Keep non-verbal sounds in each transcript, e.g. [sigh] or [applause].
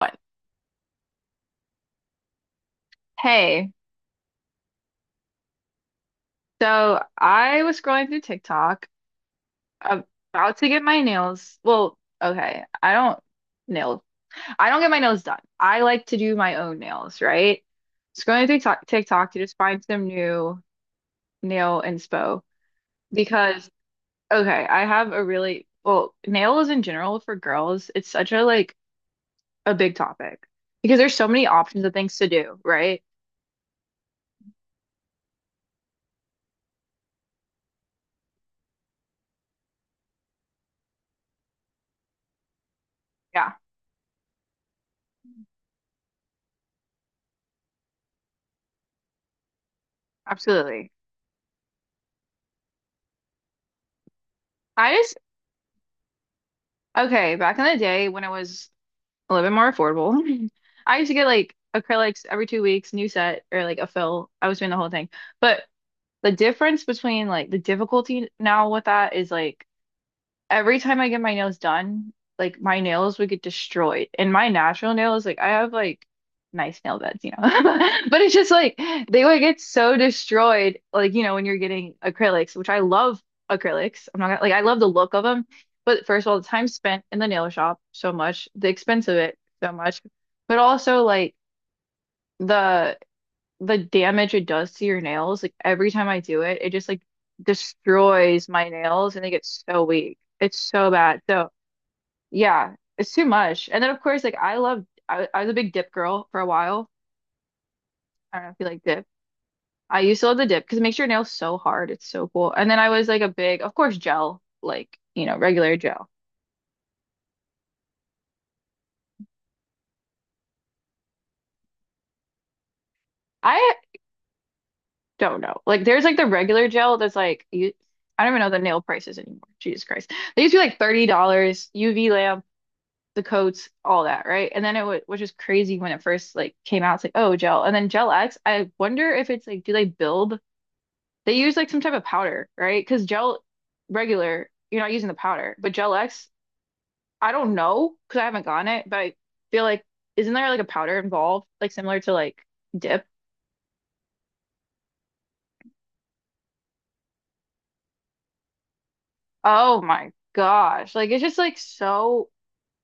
One. Hey, so I was scrolling through TikTok about to get my nails. Well, okay, I don't nail. I don't get my nails done. I like to do my own nails, right? Scrolling through TikTok to just find some new nail inspo because okay, I have a really well, nails in general for girls, it's such a like a big topic because there's so many options of things to do, right? Yeah, absolutely. I just Okay, back in the day when it was a little bit more affordable. [laughs] I used to get like acrylics every 2 weeks, new set or like a fill. I was doing the whole thing. But the difference between like the difficulty now with that is like every time I get my nails done, like my nails would get destroyed. And my natural nails, like I have like nice nail beds, you know. [laughs] But it's just like they would get so destroyed, like, you know, when you're getting acrylics, which I love acrylics. I'm not gonna like I love the look of them. But first of all, the time spent in the nail shop so much, the expense of it so much, but also like the the damage it does to your nails, like every time I do it, it just like destroys my nails and they get so weak. It's so bad. So yeah, it's too much. And then of course, like I was a big dip girl for a while. I don't know if you like dip. I used to love the dip because it makes your nails so hard. It's so cool. And then I was like a big, of course, gel, like, you know, regular gel. I don't know. Like there's like the regular gel that's like you I don't even know the nail prices anymore. Jesus Christ. They used to be like $30, UV lamp, the coats, all that, right? And then it w was just crazy when it first like came out. It's like, oh, gel. And then Gel X, I wonder if it's like, do they build? They use like some type of powder, right? Because gel regular, you're not using the powder, but Gel X, I don't know because I haven't gotten it, but I feel like isn't there like a powder involved, like similar to like dip? Oh my gosh, like it's just like so.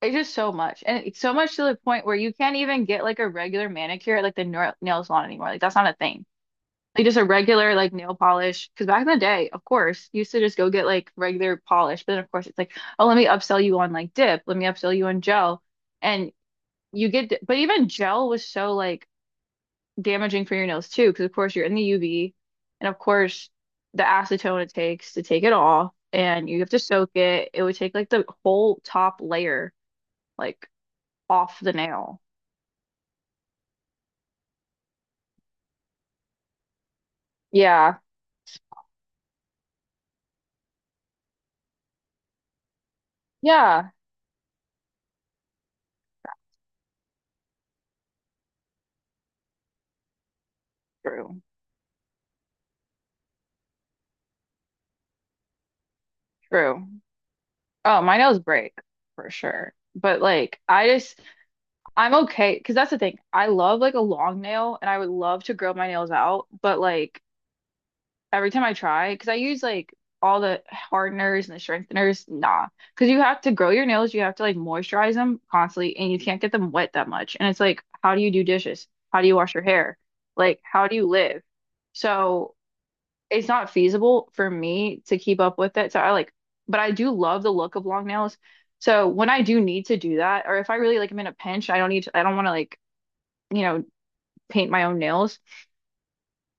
It's just so much, and it's so much to the point where you can't even get like a regular manicure at like the nail salon anymore. Like that's not a thing. Like just a regular like nail polish. Because back in the day, of course, you used to just go get like regular polish. But then of course it's like, oh, let me upsell you on like dip. Let me upsell you on gel. And you get, but even gel was so like damaging for your nails too. Because of course you're in the UV, and of course the acetone it takes to take it off, and you have to soak it. It would take like the whole top layer like off the nail. Yeah, yeah, true, true. Oh, my nails break for sure. But like, I'm okay because that's the thing. I love like a long nail and I would love to grow my nails out, but like every time I try, because I use like all the hardeners and the strengtheners, nah. Because you have to grow your nails, you have to like moisturize them constantly and you can't get them wet that much. And it's like, how do you do dishes? How do you wash your hair? Like, how do you live? So it's not feasible for me to keep up with it. So I like, but I do love the look of long nails. So when I do need to do that, or if I really like am in a pinch, I don't need to, I don't want to like you know, paint my own nails.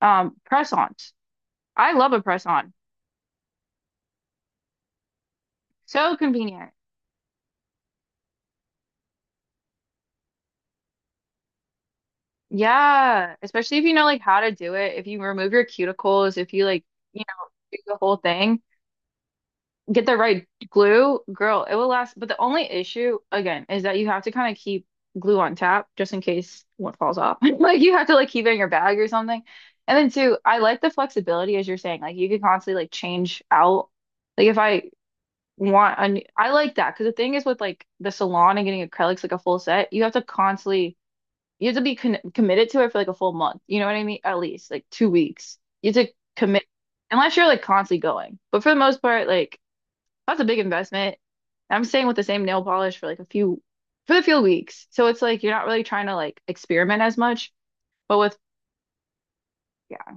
Press-ons. I love a press-on. So convenient. Yeah, especially if you know like how to do it. If you remove your cuticles, if you like, you know, do the whole thing, get the right glue, girl, it will last. But the only issue, again, is that you have to kind of keep glue on tap just in case one falls off. [laughs] Like you have to like keep it in your bag or something. And then too, I like the flexibility as you're saying. Like you could constantly like change out. Like if I want a new, I like that because the thing is with like the salon and getting acrylics like a full set, you have to constantly you have to be con committed to it for like a full month. You know what I mean? At least like 2 weeks. You have to commit unless you're like constantly going. But for the most part, like that's a big investment. I'm staying with the same nail polish for like a few for the few weeks. So it's like you're not really trying to like experiment as much, but with yeah,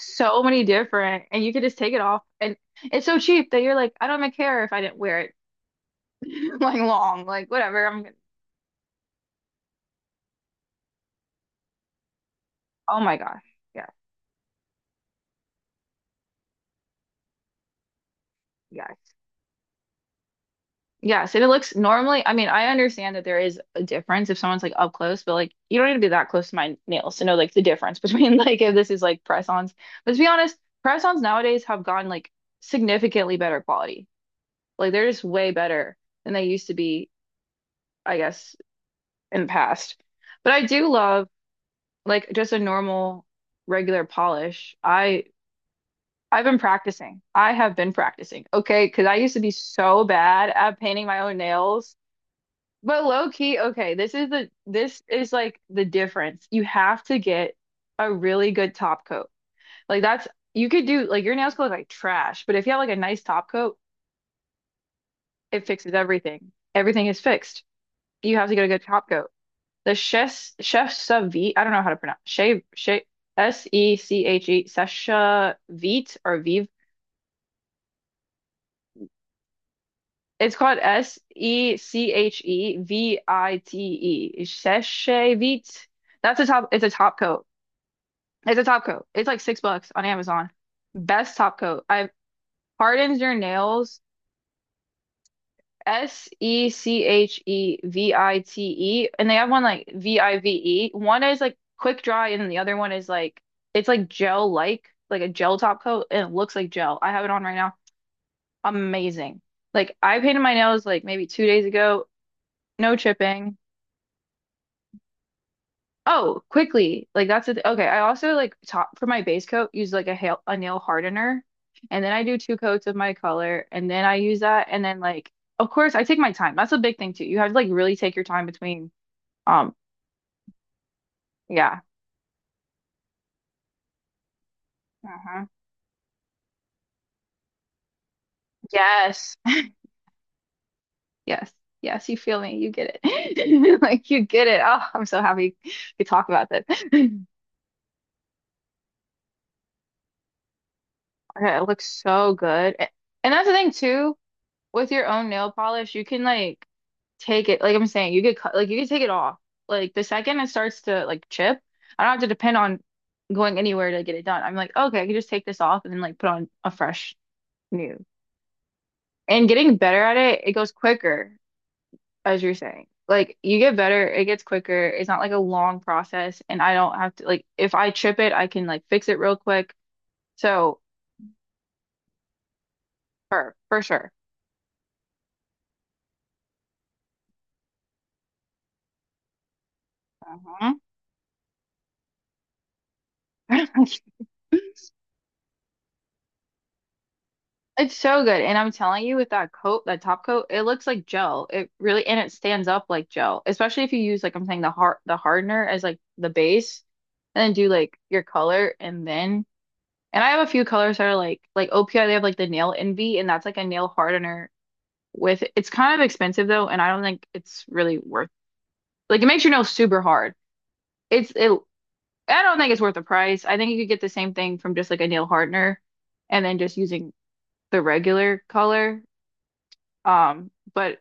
so many different and you could just take it off and it's so cheap that you're like, I don't even care if I didn't wear it [laughs] like long, like whatever. I'm gonna, oh my gosh. Yeah, yeah. Yes, and it looks normally, I mean, I understand that there is a difference if someone's like up close, but like you don't need to be that close to my nails to know like the difference [laughs] between like if this is like press-ons. But to be honest, press-ons nowadays have gotten like significantly better quality. Like they're just way better than they used to be, I guess, in the past. But I do love like just a normal regular polish. I've been practicing. I have been practicing. Okay, because I used to be so bad at painting my own nails. But low key, okay, this is like the difference. You have to get a really good top coat. Like that's you could do like your nails could look like trash, but if you have like a nice top coat, it fixes everything. Everything is fixed. You have to get a good top coat. The chef Savit, I don't know how to pronounce shave SECHE Sesha Vite or Vive. It's called SECHEVITE. Seshevit. That's a top. It's a top coat. It's a top coat. It's like $6 on Amazon. Best top coat. I hardens your nails. SECHEVITE. And they have one like VIVE. One is like quick dry, and then the other one is like it's like gel like a gel top coat, and it looks like gel. I have it on right now. Amazing. Like I painted my nails like maybe 2 days ago. No chipping. Oh, quickly. Like that's the th okay. I also like top for my base coat use like a nail hardener, and then I do two coats of my color, and then I use that, and then like of course I take my time. That's a big thing too. You have to like really take your time between um yeah. Hmm. Yes. [laughs] Yes. Yes, you feel me. You get it. [laughs] Like you get it. Oh, I'm so happy we talk about this. [laughs] Okay, it looks so good. A- And that's the thing too. With your own nail polish, you can like take it, like I'm saying, you could cut, like you could take it off. Like the second it starts to like chip, I don't have to depend on going anywhere to get it done. I'm like, okay, I can just take this off and then like put on a fresh new. And getting better at it, it goes quicker, as you're saying. Like you get better, it gets quicker. It's not like a long process, and I don't have to like if I chip it, I can like fix it real quick. So, for sure. Uh-huh. [laughs] It's so good. And I'm telling you, with that coat, that top coat, it looks like gel. It really, and it stands up like gel, especially if you use, like I'm saying, the hardener as like the base and then do like your color. And then, and I have a few colors that are like OPI, they have like the Nail Envy, and that's like a nail hardener with, it's kind of expensive though. And I don't think it's really worth, like it makes your nails super hard. It's, it, I don't think it's worth the price. I think you could get the same thing from just like a nail hardener and then just using the regular color. But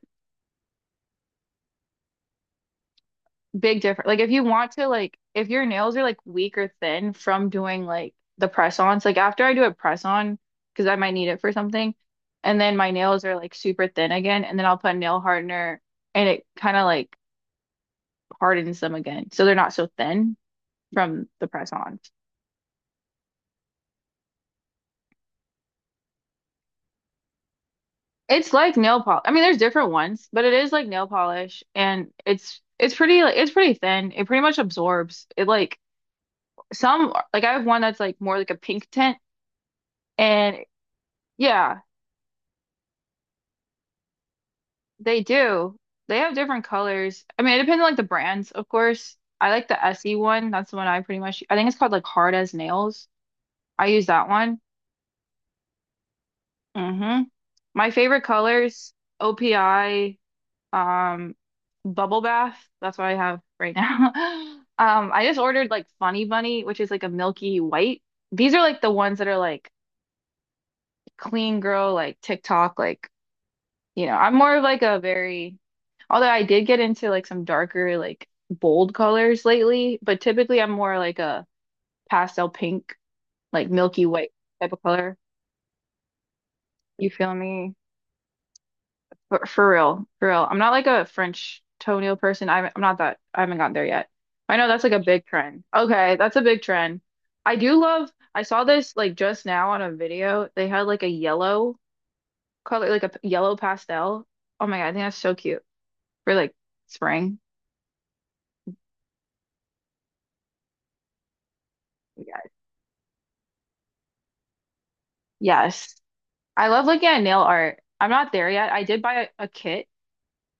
big difference. Like if you want to like if your nails are like weak or thin from doing like the press ons, like after I do a press on, because I might need it for something, and then my nails are like super thin again, and then I'll put a nail hardener and it kind of like hardens them again. So they're not so thin from the press ons. It's like nail polish. I mean, there's different ones, but it is like nail polish and it's pretty like it's pretty thin. It pretty much absorbs. It like some like I have one that's like more like a pink tint and yeah, they do. They have different colors. I mean, it depends on like the brands, of course. I like the Essie one. That's the one I pretty much I think it's called like Hard as Nails. I use that one. Hmm. My favorite colors, OPI, um, Bubble Bath. That's what I have right now. [laughs] I just ordered like Funny Bunny, which is like a milky white. These are like the ones that are like clean girl, like TikTok, like you know, I'm more of like a very, although I did get into like some darker, like bold colors lately, but typically I'm more like a pastel pink, like milky white type of color. You feel me? For real, for real. I'm not like a French toenail person. I'm not that, I haven't gotten there yet. I know that's like a big trend. Okay, that's a big trend. I do love, I saw this like just now on a video. They had like a yellow color, like a yellow pastel. Oh my God, I think that's so cute for like spring. Yes. I love looking at nail art. I'm not there yet. I did buy a kit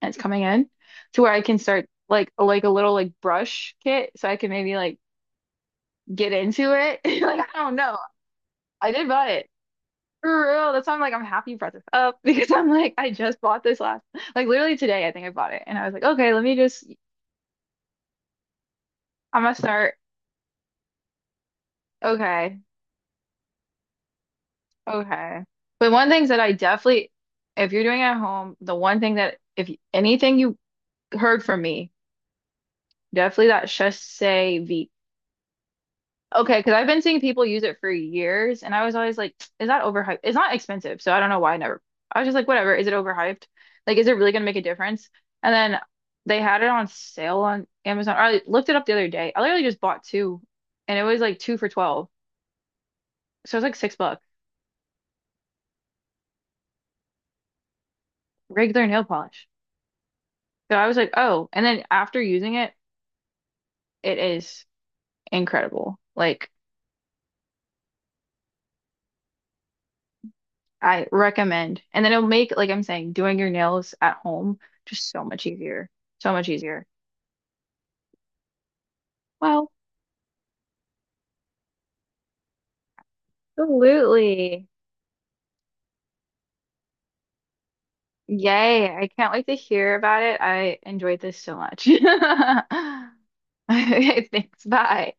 and it's coming in to where I can start like a little like brush kit so I can maybe like get into it. [laughs] Like I don't know. I did buy it. For real. That's why I'm like I'm happy you brought this up [laughs] because I'm like I just bought this last like literally today I think I bought it and I was like, okay, let me just I'm gonna start. Okay. Okay. But one thing that I definitely if you're doing it at home, the one thing that if anything you heard from me definitely that Chassé V. Okay, because I've been seeing people use it for years, and I was always like, is that overhyped? It's not expensive, so I don't know why I never. I was just like, whatever, is it overhyped? Like, is it really gonna make a difference? And then they had it on sale on Amazon. Or I looked it up the other day. I literally just bought two, and it was like two for 12. So it was like $6, regular nail polish. So I was like, oh. And then after using it, it is incredible. Like, I recommend. And then it'll make, like I'm saying, doing your nails at home just so much easier. So much easier. Well, absolutely. Yay. I can't wait to hear about it. I enjoyed this so much. [laughs] [laughs] Thanks. Bye.